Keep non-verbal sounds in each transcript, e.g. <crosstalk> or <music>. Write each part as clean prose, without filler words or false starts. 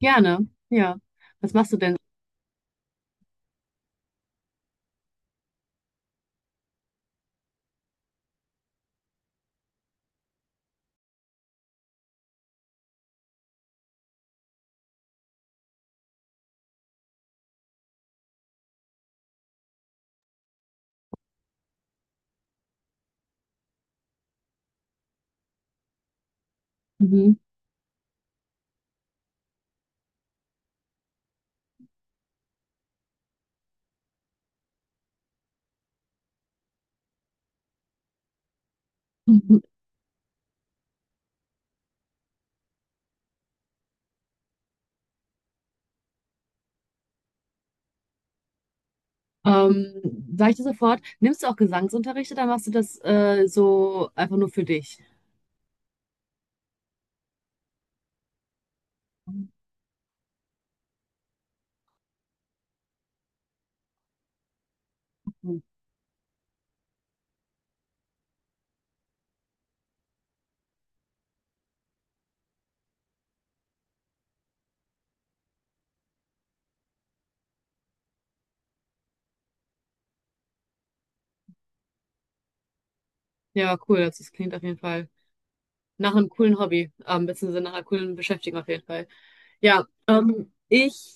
Gerne, ja. Was machst du denn? Mhm. <laughs> Mhm. Sag ich dir sofort, nimmst du auch Gesangsunterricht oder machst du das so einfach nur für dich? Mhm. Ja, cool, das klingt auf jeden Fall. Nach einem coolen Hobby, beziehungsweise nach einer coolen Beschäftigung auf jeden Fall. Ja, ich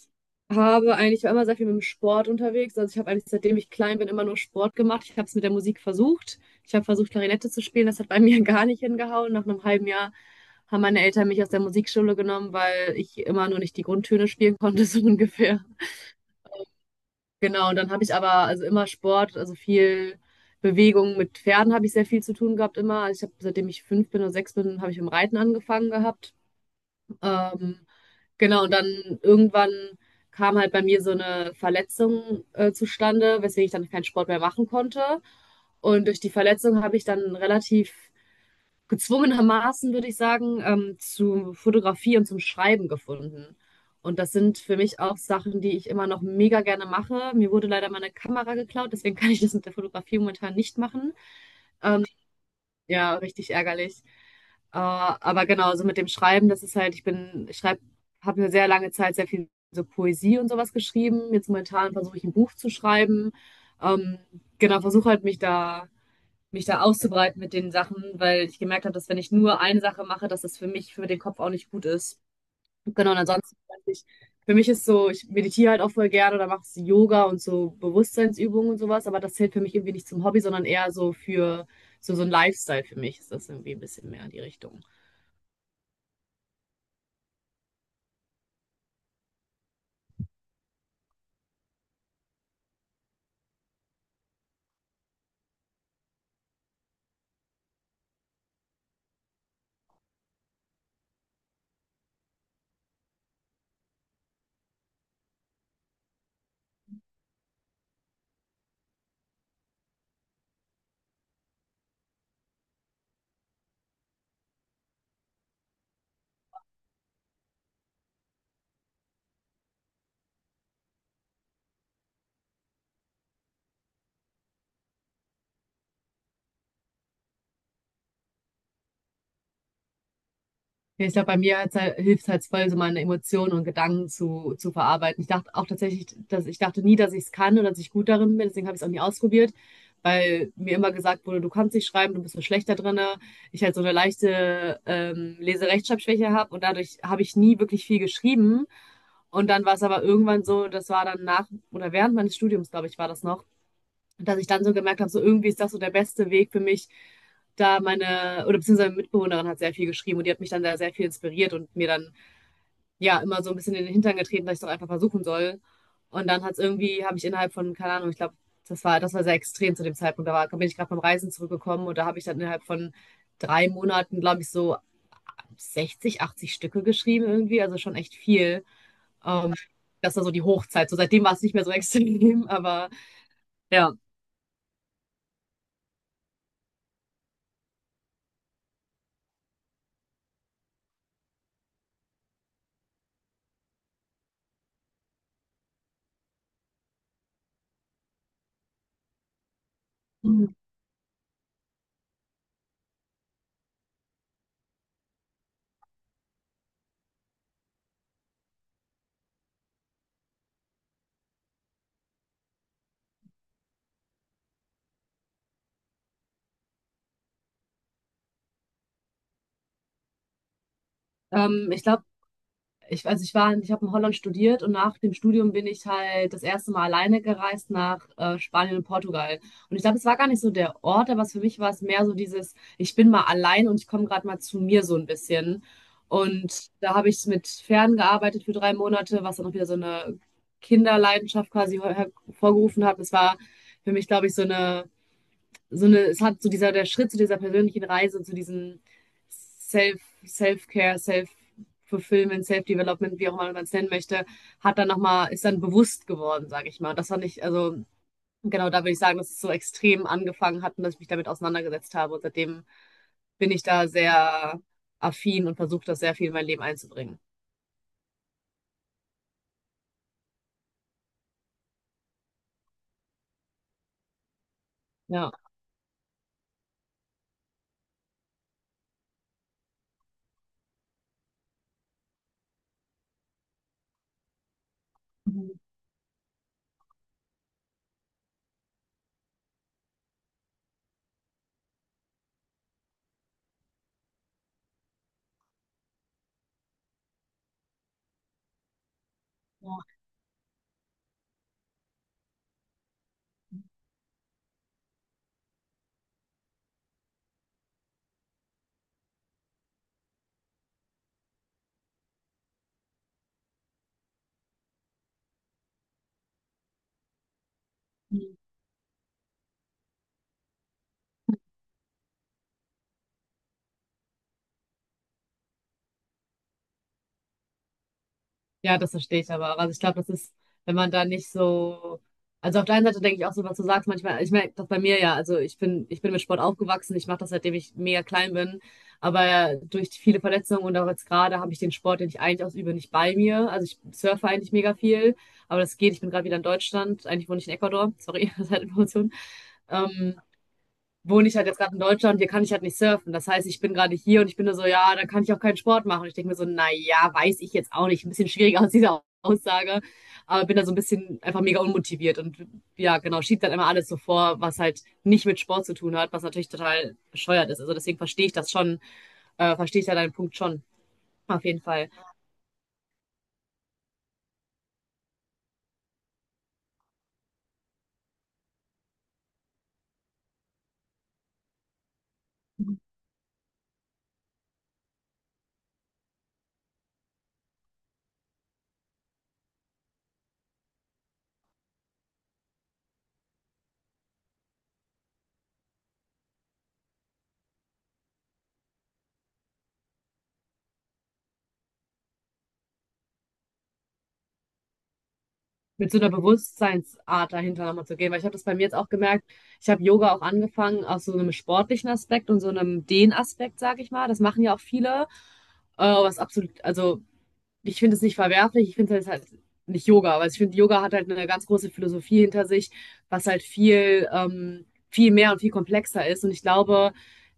habe eigentlich ich war immer sehr viel mit dem Sport unterwegs. Also ich habe eigentlich seitdem ich klein bin immer nur Sport gemacht. Ich habe es mit der Musik versucht. Ich habe versucht, Klarinette zu spielen. Das hat bei mir <laughs> gar nicht hingehauen. Nach einem halben Jahr haben meine Eltern mich aus der Musikschule genommen, weil ich immer nur nicht die Grundtöne spielen konnte, <laughs> so ungefähr. Genau, und dann habe ich aber also immer Sport, also viel Bewegung mit Pferden habe ich sehr viel zu tun gehabt immer. Also ich habe, seitdem ich 5 bin oder 6 bin, habe ich mit dem Reiten angefangen gehabt. Ähm, genau, und dann irgendwann kam halt bei mir so eine Verletzung zustande, weswegen ich dann keinen Sport mehr machen konnte. Und durch die Verletzung habe ich dann relativ gezwungenermaßen, würde ich sagen, zu Fotografie und zum Schreiben gefunden. Und das sind für mich auch Sachen, die ich immer noch mega gerne mache. Mir wurde leider meine Kamera geklaut, deswegen <laughs> kann ich das mit der Fotografie momentan nicht machen. Ähm, ja, richtig ärgerlich. Aber genau, so mit dem Schreiben, das ist halt, ich schreibe, habe eine sehr lange Zeit sehr viel so Poesie und sowas geschrieben. Jetzt momentan versuche ich ein Buch zu schreiben. Ähm, genau, versuche halt mich da auszubreiten mit den Sachen, weil ich gemerkt habe, dass wenn ich nur eine Sache mache, dass das für mich, für den Kopf auch nicht gut ist. Genau, und ansonsten, weiß ich, für mich ist so, ich meditiere halt auch voll gerne oder mache so Yoga und so Bewusstseinsübungen und sowas, aber das zählt für mich irgendwie nicht zum Hobby, sondern eher so für so, so ein Lifestyle für mich ist das irgendwie ein bisschen mehr in die Richtung. Ja, ich glaube, bei mir hat's halt, hilft es halt voll, so meine Emotionen und Gedanken zu verarbeiten. Ich dachte auch tatsächlich, dass ich dachte nie, dass ich es kann oder dass ich gut darin bin, deswegen habe ich es auch nie ausprobiert, weil mir immer gesagt wurde, du kannst nicht schreiben, du bist so schlecht da drin, ne? Ich halt so eine leichte Leserechtschreibschwäche habe und dadurch habe ich nie wirklich viel geschrieben. Und dann war es aber irgendwann so, das war dann nach oder während meines Studiums, glaube ich, war das noch, und dass ich dann so gemerkt habe, so irgendwie ist das so der beste Weg für mich, da meine, oder beziehungsweise meine Mitbewohnerin hat sehr viel geschrieben und die hat mich dann da sehr viel inspiriert und mir dann ja immer so ein bisschen in den Hintern getreten, dass ich es doch einfach versuchen soll. Und dann hat es irgendwie, habe ich innerhalb von, keine Ahnung, ich glaube, das war sehr extrem zu dem Zeitpunkt. Da war, bin ich gerade vom Reisen zurückgekommen und da habe ich dann innerhalb von 3 Monaten, glaube ich, so 60, 80 Stücke geschrieben irgendwie, also schon echt viel. Ähm, das war so die Hochzeit. So seitdem war es nicht mehr so <laughs> extrem, aber ja. Mhm. Ich glaube, ich, also ich war, ich habe in Holland studiert und nach dem Studium bin ich halt das erste Mal alleine gereist nach Spanien und Portugal. Und ich glaube, es war gar nicht so der Ort, aber es für mich war es mehr so dieses, ich bin mal allein und ich komme gerade mal zu mir so ein bisschen. Und da habe ich mit Fern gearbeitet für 3 Monate, was dann auch wieder so eine Kinderleidenschaft quasi hervorgerufen hat. Das war für mich, glaube ich, so eine, es hat so dieser, der Schritt zu dieser persönlichen Reise, zu diesem Self, Self-Care, Self-Fulfillment, Self-Development, wie auch immer man es nennen möchte, hat dann nochmal, ist dann bewusst geworden, sage ich mal. Und das fand ich, also genau, da würde ich sagen, dass es so extrem angefangen hat und dass ich mich damit auseinandergesetzt habe. Und seitdem bin ich da sehr affin und versuche das sehr viel in mein Leben einzubringen. Ja. Mhm. Ja. Ja, das verstehe ich aber auch. Also ich glaube, das ist, wenn man da nicht so, also auf der einen Seite denke ich auch so, was du sagst, manchmal, ich merke das bei mir ja, also ich bin mit Sport aufgewachsen, ich mache das, seitdem ich mega klein bin, aber ja, durch viele Verletzungen und auch jetzt gerade habe ich den Sport, den ich eigentlich ausübe, nicht bei mir. Also ich surfe eigentlich mega viel, aber das geht, ich bin gerade wieder in Deutschland, eigentlich wohne ich in Ecuador, sorry, <laughs> Zeitinformation wohne ich halt jetzt gerade in Deutschland, hier kann ich halt nicht surfen. Das heißt, ich bin gerade hier und ich bin nur so, ja, da kann ich auch keinen Sport machen. Und ich denke mir so, na ja, weiß ich jetzt auch nicht. Ein bisschen schwierig <laughs> aus dieser Aussage, aber bin da so ein bisschen einfach mega unmotiviert und ja, genau, schiebt dann immer alles so vor, was halt nicht mit Sport zu tun hat, was natürlich total bescheuert ist. Also deswegen verstehe ich das schon, verstehe ich ja deinen Punkt schon, auf jeden Fall. Mit so einer Bewusstseinsart dahinter nochmal zu gehen. Weil ich habe das bei mir jetzt auch gemerkt, ich habe Yoga auch angefangen aus so einem sportlichen Aspekt und so einem Dehnaspekt, sage ich mal. Das machen ja auch viele, was absolut, also ich finde es nicht verwerflich, ich finde es halt nicht Yoga, weil ich finde, Yoga hat halt eine ganz große Philosophie hinter sich, was halt viel, viel mehr und viel komplexer ist. Und ich glaube,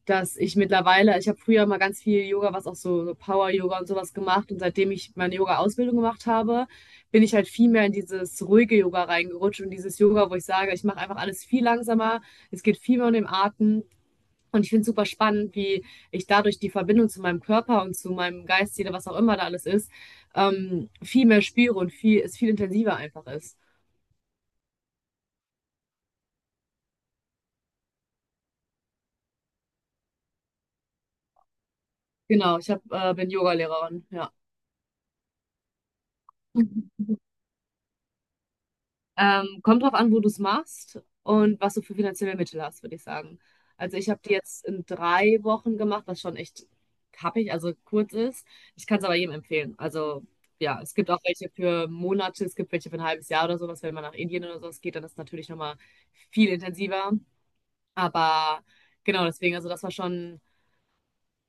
dass ich mittlerweile, ich habe früher mal ganz viel Yoga, was auch so Power-Yoga und sowas gemacht. Und seitdem ich meine Yoga-Ausbildung gemacht habe, bin ich halt viel mehr in dieses ruhige Yoga reingerutscht und dieses Yoga, wo ich sage, ich mache einfach alles viel langsamer, es geht viel mehr um den Atem. Und ich finde es super spannend, wie ich dadurch die Verbindung zu meinem Körper und zu meinem Geist, jeder, was auch immer da alles ist, viel mehr spüre und viel, es viel intensiver einfach ist. Genau, bin Yogalehrerin, ja. Kommt drauf an, wo du es machst und was du für finanzielle Mittel hast, würde ich sagen. Also ich habe die jetzt in 3 Wochen gemacht, was schon echt happig, also kurz ist. Ich kann es aber jedem empfehlen. Also ja, es gibt auch welche für Monate, es gibt welche für ein halbes Jahr oder sowas. Wenn man nach Indien oder sowas geht, dann ist es natürlich nochmal viel intensiver. Aber genau, deswegen, also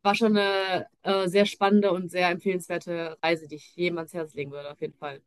war schon eine sehr spannende und sehr empfehlenswerte Reise, die ich jedem ans Herz legen würde, auf jeden Fall.